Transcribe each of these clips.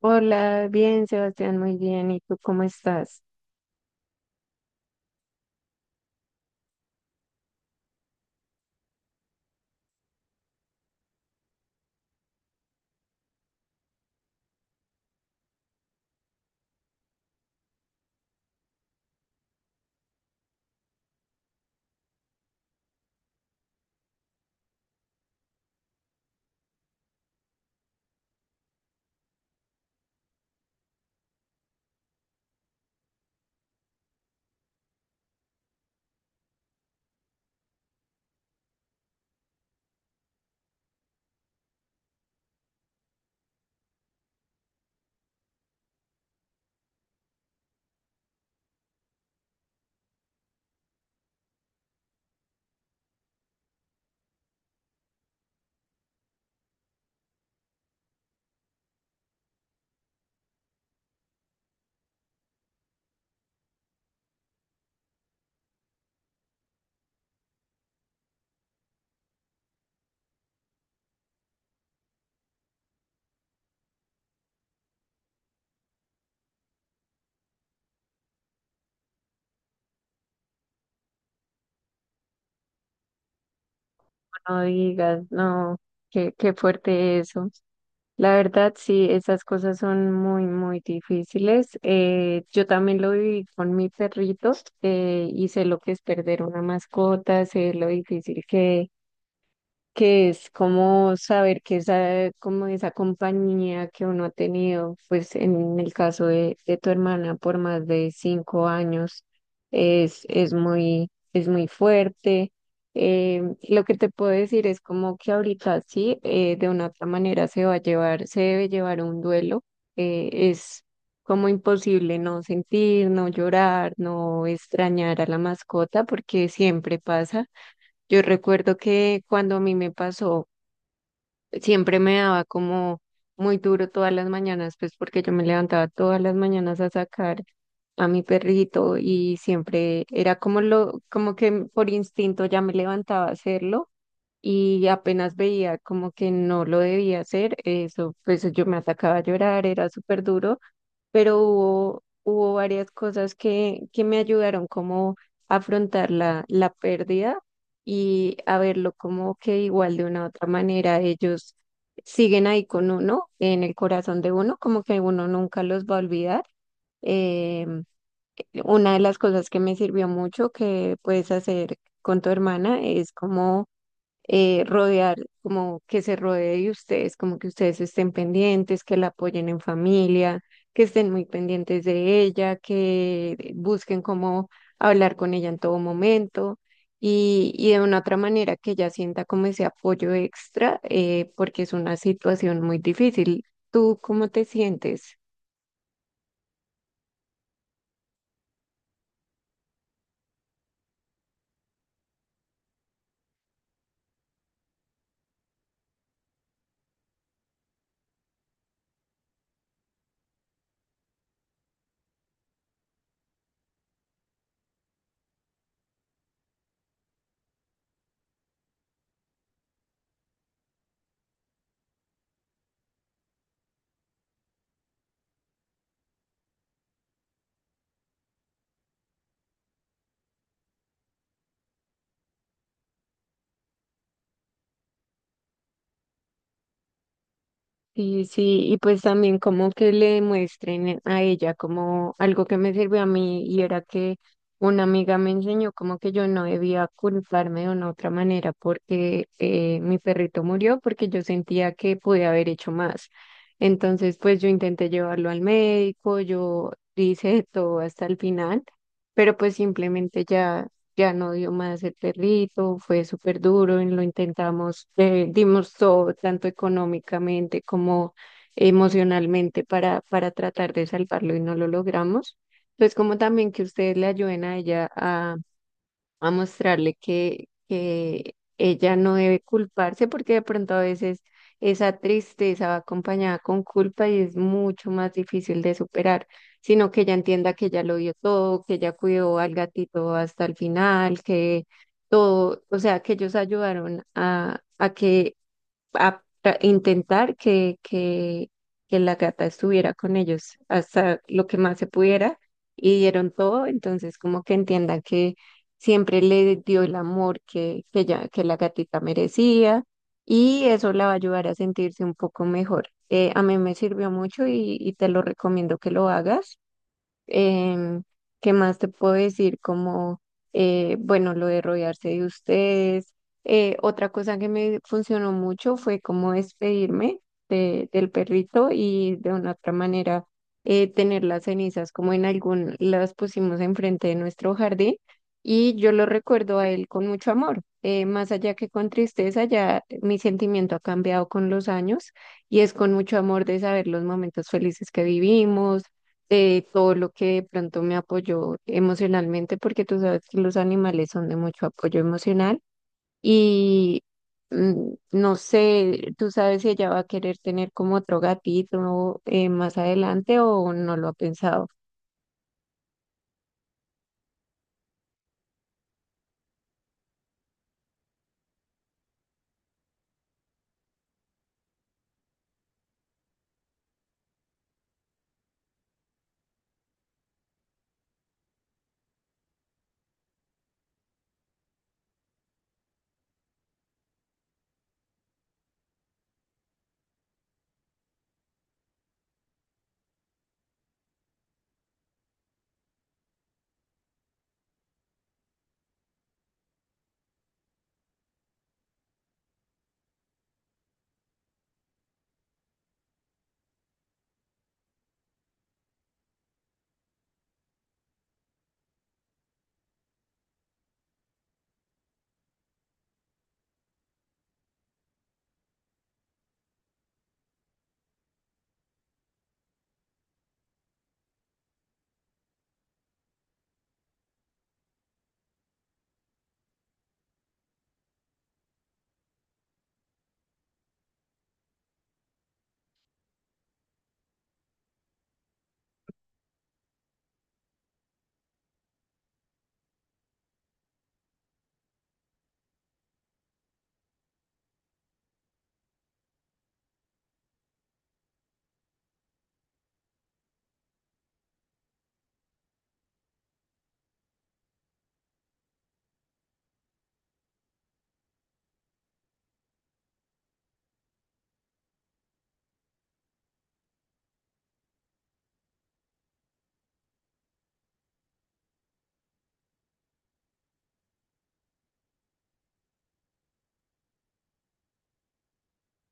Hola, bien, Sebastián, muy bien. ¿Y tú cómo estás? No digas, no, qué fuerte eso. La verdad, sí, esas cosas son muy difíciles. Yo también lo viví con mi perrito y sé lo que es perder una mascota, sé lo difícil que es como saber que esa, como esa compañía que uno ha tenido, pues en el caso de tu hermana por más de 5 años, es muy fuerte. Lo que te puedo decir es como que ahorita sí, de una otra manera se va a llevar, se debe llevar un duelo. Es como imposible no sentir, no llorar, no extrañar a la mascota, porque siempre pasa. Yo recuerdo que cuando a mí me pasó, siempre me daba como muy duro todas las mañanas, pues porque yo me levantaba todas las mañanas a sacar a mi perrito y siempre era como lo, como que por instinto ya me levantaba a hacerlo y apenas veía como que no lo debía hacer, eso, pues yo me atacaba a llorar, era súper duro. Pero hubo varias cosas que me ayudaron como a afrontar la pérdida y a verlo como que igual de una u otra manera ellos siguen ahí con uno, en el corazón de uno, como que uno nunca los va a olvidar. Eh, una de las cosas que me sirvió mucho que puedes hacer con tu hermana es como rodear, como que se rodee de ustedes, como que ustedes estén pendientes, que la apoyen en familia, que estén muy pendientes de ella, que busquen cómo hablar con ella en todo momento y de una otra manera que ella sienta como ese apoyo extra, porque es una situación muy difícil. ¿Tú cómo te sientes? Sí, sí, y pues también como que le muestren a ella como algo que me sirvió a mí y era que una amiga me enseñó como que yo no debía culparme de una otra manera porque mi perrito murió porque yo sentía que pude haber hecho más. Entonces pues yo intenté llevarlo al médico, yo hice de todo hasta el final, pero pues simplemente ya no dio más el perrito, fue súper duro, y lo intentamos, dimos todo, tanto económicamente como emocionalmente para tratar de salvarlo y no lo logramos. Entonces, como también que ustedes le ayuden a ella a mostrarle que ella no debe culparse porque de pronto a veces esa tristeza va acompañada con culpa y es mucho más difícil de superar, sino que ella entienda que ella lo dio todo, que ella cuidó al gatito hasta el final, que todo, o sea, que ellos ayudaron a que a tra- intentar que la gata estuviera con ellos hasta lo que más se pudiera y dieron todo, entonces como que entiendan que siempre le dio el amor que que la gatita merecía y eso la va a ayudar a sentirse un poco mejor. A mí me sirvió mucho y te lo recomiendo que lo hagas. Em, ¿Qué más te puedo decir? Como, bueno, lo de rodearse de ustedes. Otra cosa que me funcionó mucho fue como despedirme del perrito y de una otra manera tener las cenizas como en algún, las pusimos enfrente de nuestro jardín y yo lo recuerdo a él con mucho amor. Más allá que con tristeza, ya mi sentimiento ha cambiado con los años y es con mucho amor de saber los momentos felices que vivimos, de todo lo que de pronto me apoyó emocionalmente, porque tú sabes que los animales son de mucho apoyo emocional y mm, no sé, tú sabes si ella va a querer tener como otro gatito más adelante o no lo ha pensado.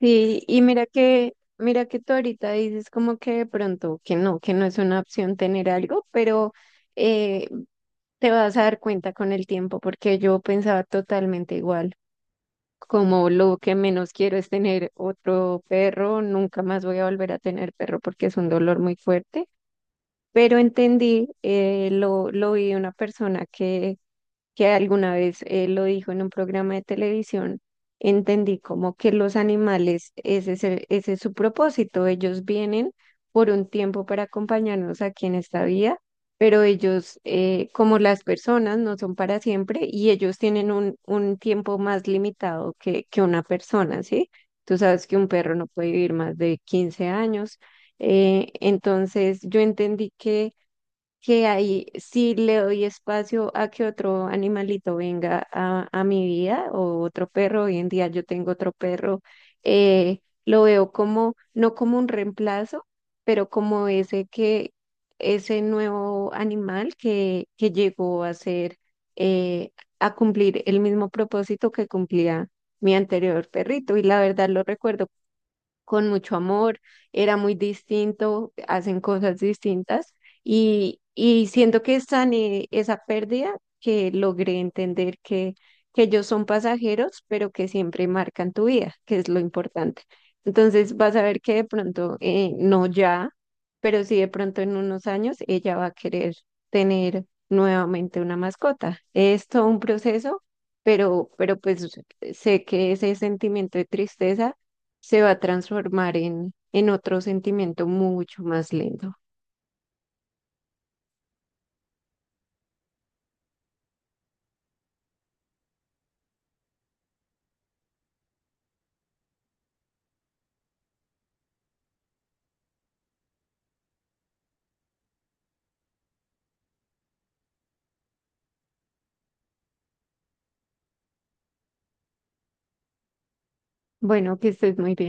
Sí, y mira que tú ahorita dices como que de pronto que no es una opción tener algo, pero eh, te vas a dar cuenta con el tiempo, porque yo pensaba totalmente igual. Como lo que menos quiero es tener otro perro, nunca más voy a volver a tener perro porque es un dolor muy fuerte. Pero entendí, lo vi de una persona que alguna vez lo dijo en un programa de televisión. Entendí como que los animales, ese es, ese es su propósito, ellos vienen por un tiempo para acompañarnos aquí en esta vida, pero ellos, como las personas, no son para siempre y ellos tienen un tiempo más limitado que una persona, ¿sí? Tú sabes que un perro no puede vivir más de 15 años. Entonces yo entendí que ahí sí le doy espacio a que otro animalito venga a mi vida o otro perro. Hoy en día yo tengo otro perro. Lo veo como, no como un reemplazo, pero como ese que, ese nuevo animal que llegó a ser, eh, a cumplir el mismo propósito que cumplía mi anterior perrito. Y la verdad lo recuerdo con mucho amor, era muy distinto, hacen cosas distintas y siento que sané esa pérdida, que logré entender que ellos son pasajeros, pero que siempre marcan tu vida, que es lo importante. Entonces vas a ver que de pronto, no ya, pero sí de pronto en unos años ella va a querer tener nuevamente una mascota. Es todo un proceso, pero pues sé que ese sentimiento de tristeza se va a transformar en otro sentimiento mucho más lindo. Bueno, que estés muy bien.